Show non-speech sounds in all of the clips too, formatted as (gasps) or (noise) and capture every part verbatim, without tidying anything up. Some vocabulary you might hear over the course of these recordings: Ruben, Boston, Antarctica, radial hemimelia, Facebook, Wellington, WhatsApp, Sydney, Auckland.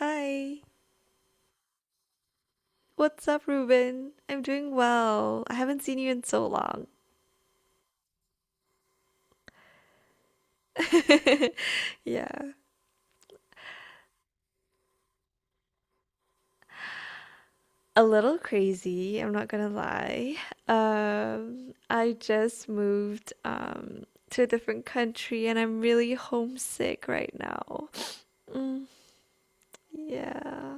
Hi, what's up, Ruben? I'm doing well. I haven't seen you in so long. Yeah. A little crazy, I'm not gonna lie. Um, I just moved um to a different country and I'm really homesick right now. Mm, yeah.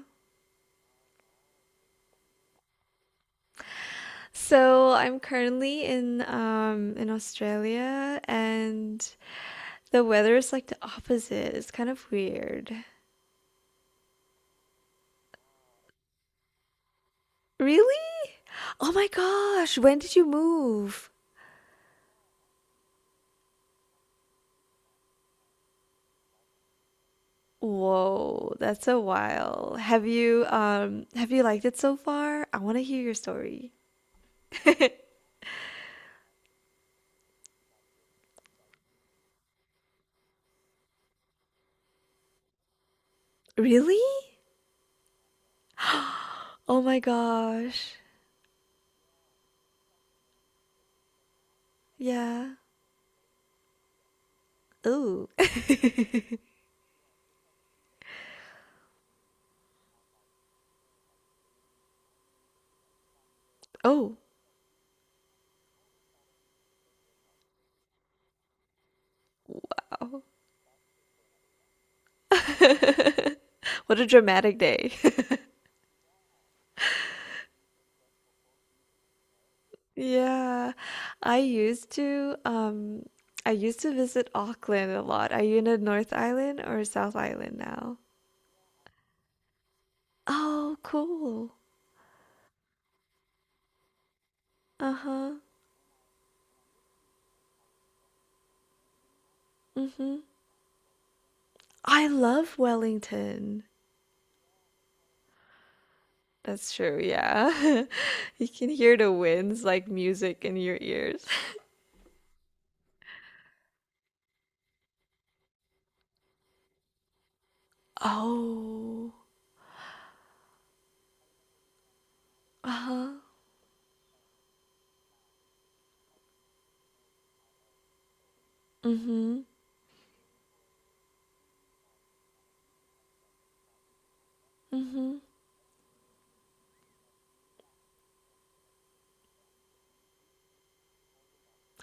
So I'm currently in um in Australia and the weather is like the opposite. It's kind of weird. Really? Oh my gosh, when did you move? Whoa, that's a while. Have you um have you liked it so far? I want to hear your story. Really? Oh my gosh. Yeah. Oh. (laughs) Oh, wow. (laughs) What a dramatic day. (laughs) Yeah. I used to um I used to visit Auckland a lot. Are you in the North Island or South Island now? Oh, cool. Uh-huh. Hmm. I love Wellington. That's true, yeah. (laughs) You can hear the winds like music in your ears. (laughs) Oh. Uh-huh. Mm-hmm. Mm-hmm.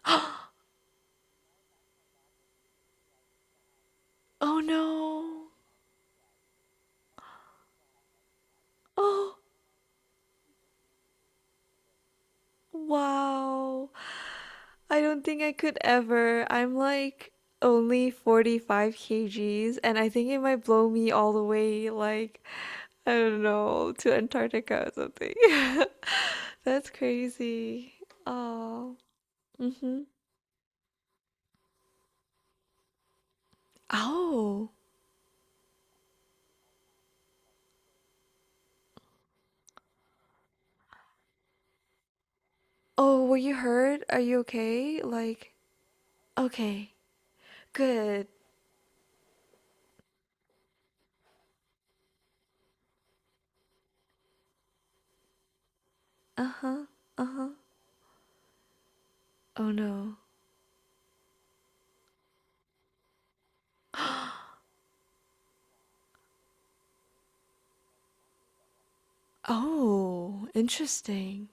(gasps) Oh no. Oh, wow. I don't think I could ever. I'm like only forty-five kgs and I think it might blow me all the way like I don't know, to Antarctica or something. (laughs) That's crazy. Oh. Mm-hmm. Oh. Oh, were you hurt? Are you okay? Like, okay, good. Uh-huh, uh-huh. Oh no. (gasps) Oh, interesting.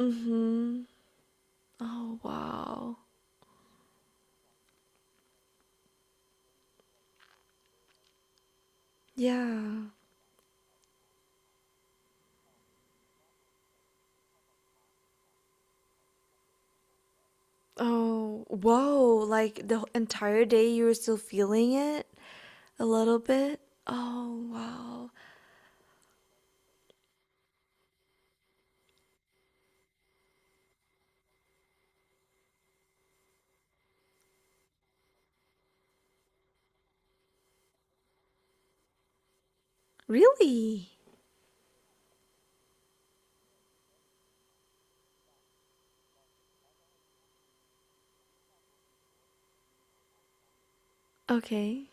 Mm-hmm. Oh, wow. Yeah. Oh, whoa. Like the entire day you were still feeling it a little bit? Oh, wow. Really? Okay.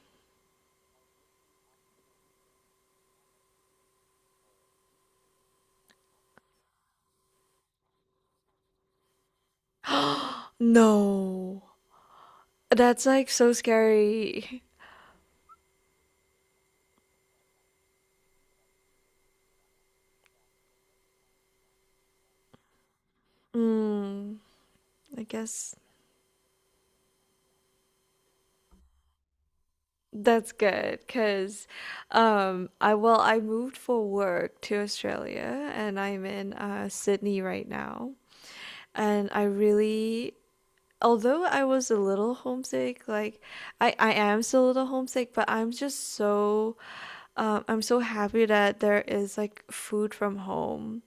(gasps) No. That's like so scary. (laughs) Mm, I guess. That's good because um I well I moved for work to Australia and I'm in uh Sydney right now. And I really, although I was a little homesick, like I I am still a little homesick, but I'm just so um I'm so happy that there is like food from home,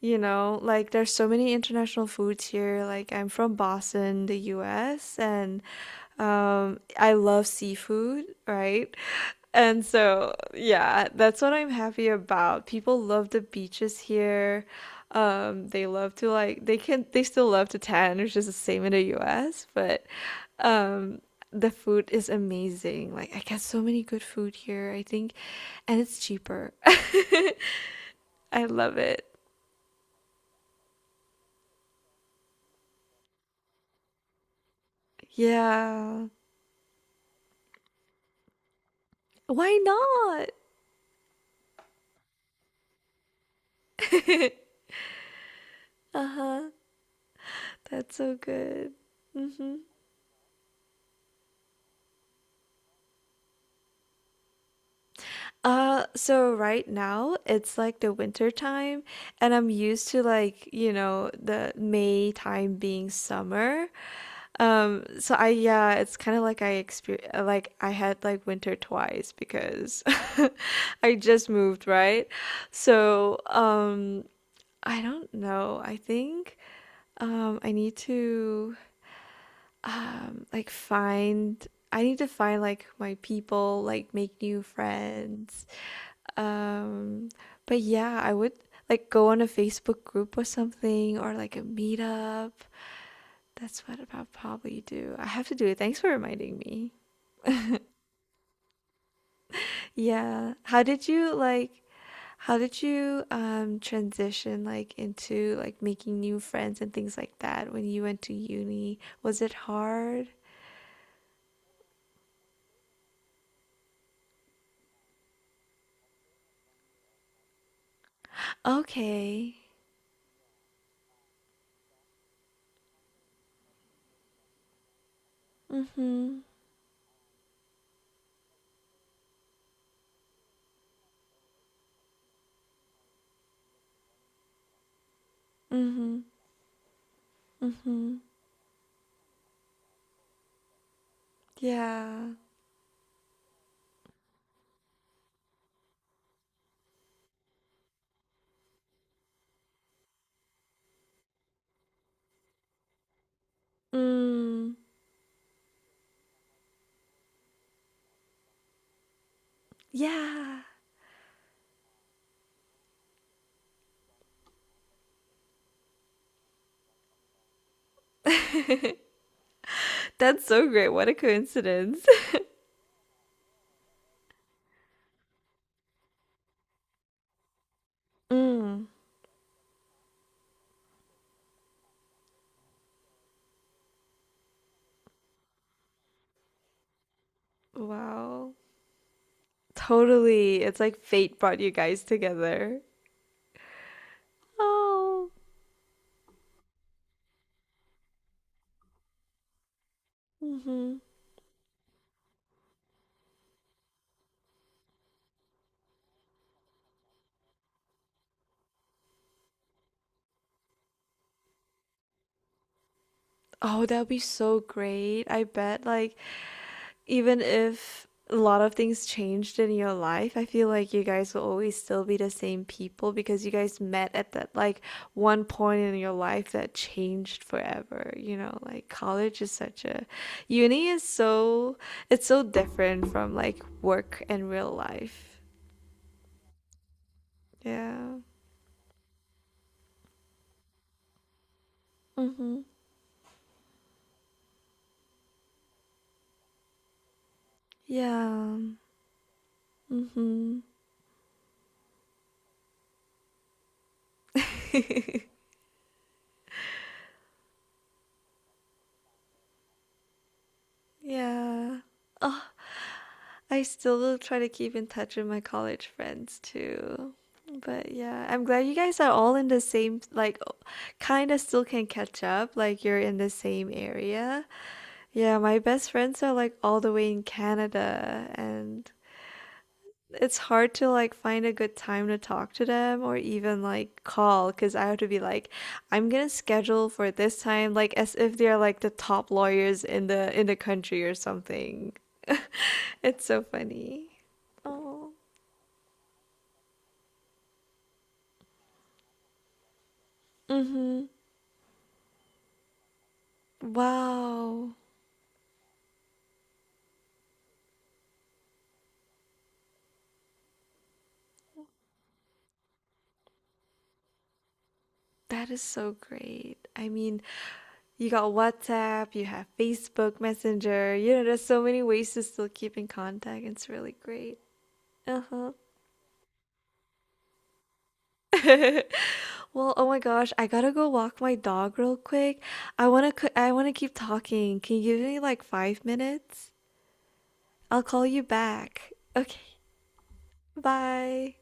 you know, like there's so many international foods here. Like I'm from Boston, the U S, and um, I love seafood, right? And so, yeah, that's what I'm happy about. People love the beaches here. Um, they love to like they can they still love to tan, which is the same in the U S, but um the food is amazing. Like I get so many good food here, I think, and it's cheaper. (laughs) I love it. Yeah. Why not? That's so good. Uh, so right now it's like the winter time, and I'm used to, like, you know, the May time being summer. Um, so I yeah, it's kind of like I exper like I had like winter twice because (laughs) I just moved, right? So, um, I don't know. I think um I need to um like find I need to find like my people, like make new friends. Um but yeah, I would like go on a Facebook group or something or like a meetup. That's what I'll probably do. I have to do it. Thanks for reminding me. Yeah. How did you like how did you um transition like into like making new friends and things like that when you went to uni? Was it hard? Okay. Mm-hmm. Mhm, mhm. Yeah. Mm. Yeah. (laughs) That's so great. What a coincidence. (laughs) Mm. Wow. Totally. It's like fate brought you guys together. Oh. Mhm. Oh, that'd be so great. I bet like even if a lot of things changed in your life, I feel like you guys will always still be the same people because you guys met at that like one point in your life that changed forever. You know, like college is such a uni is so, it's so different from like work and real life. Yeah. Mhm. Yeah. Mhm. Yeah. I still try to keep in touch with my college friends too. But yeah, I'm glad you guys are all in the same, like, kind of still can catch up. Like, you're in the same area. Yeah, my best friends are like all the way in Canada, and it's hard to like find a good time to talk to them or even like call because I have to be like, I'm gonna schedule for this time, like as if they're like the top lawyers in the in the country or something. It's so funny. Oh. Mhm. Wow. That is so great. I mean, you got WhatsApp, you have Facebook Messenger. You know, there's so many ways to still keep in contact. It's really great. Uh-huh. (laughs) Well, oh my gosh, I gotta go walk my dog real quick. I wanna I I wanna keep talking. Can you give me like five minutes? I'll call you back. Okay. Bye.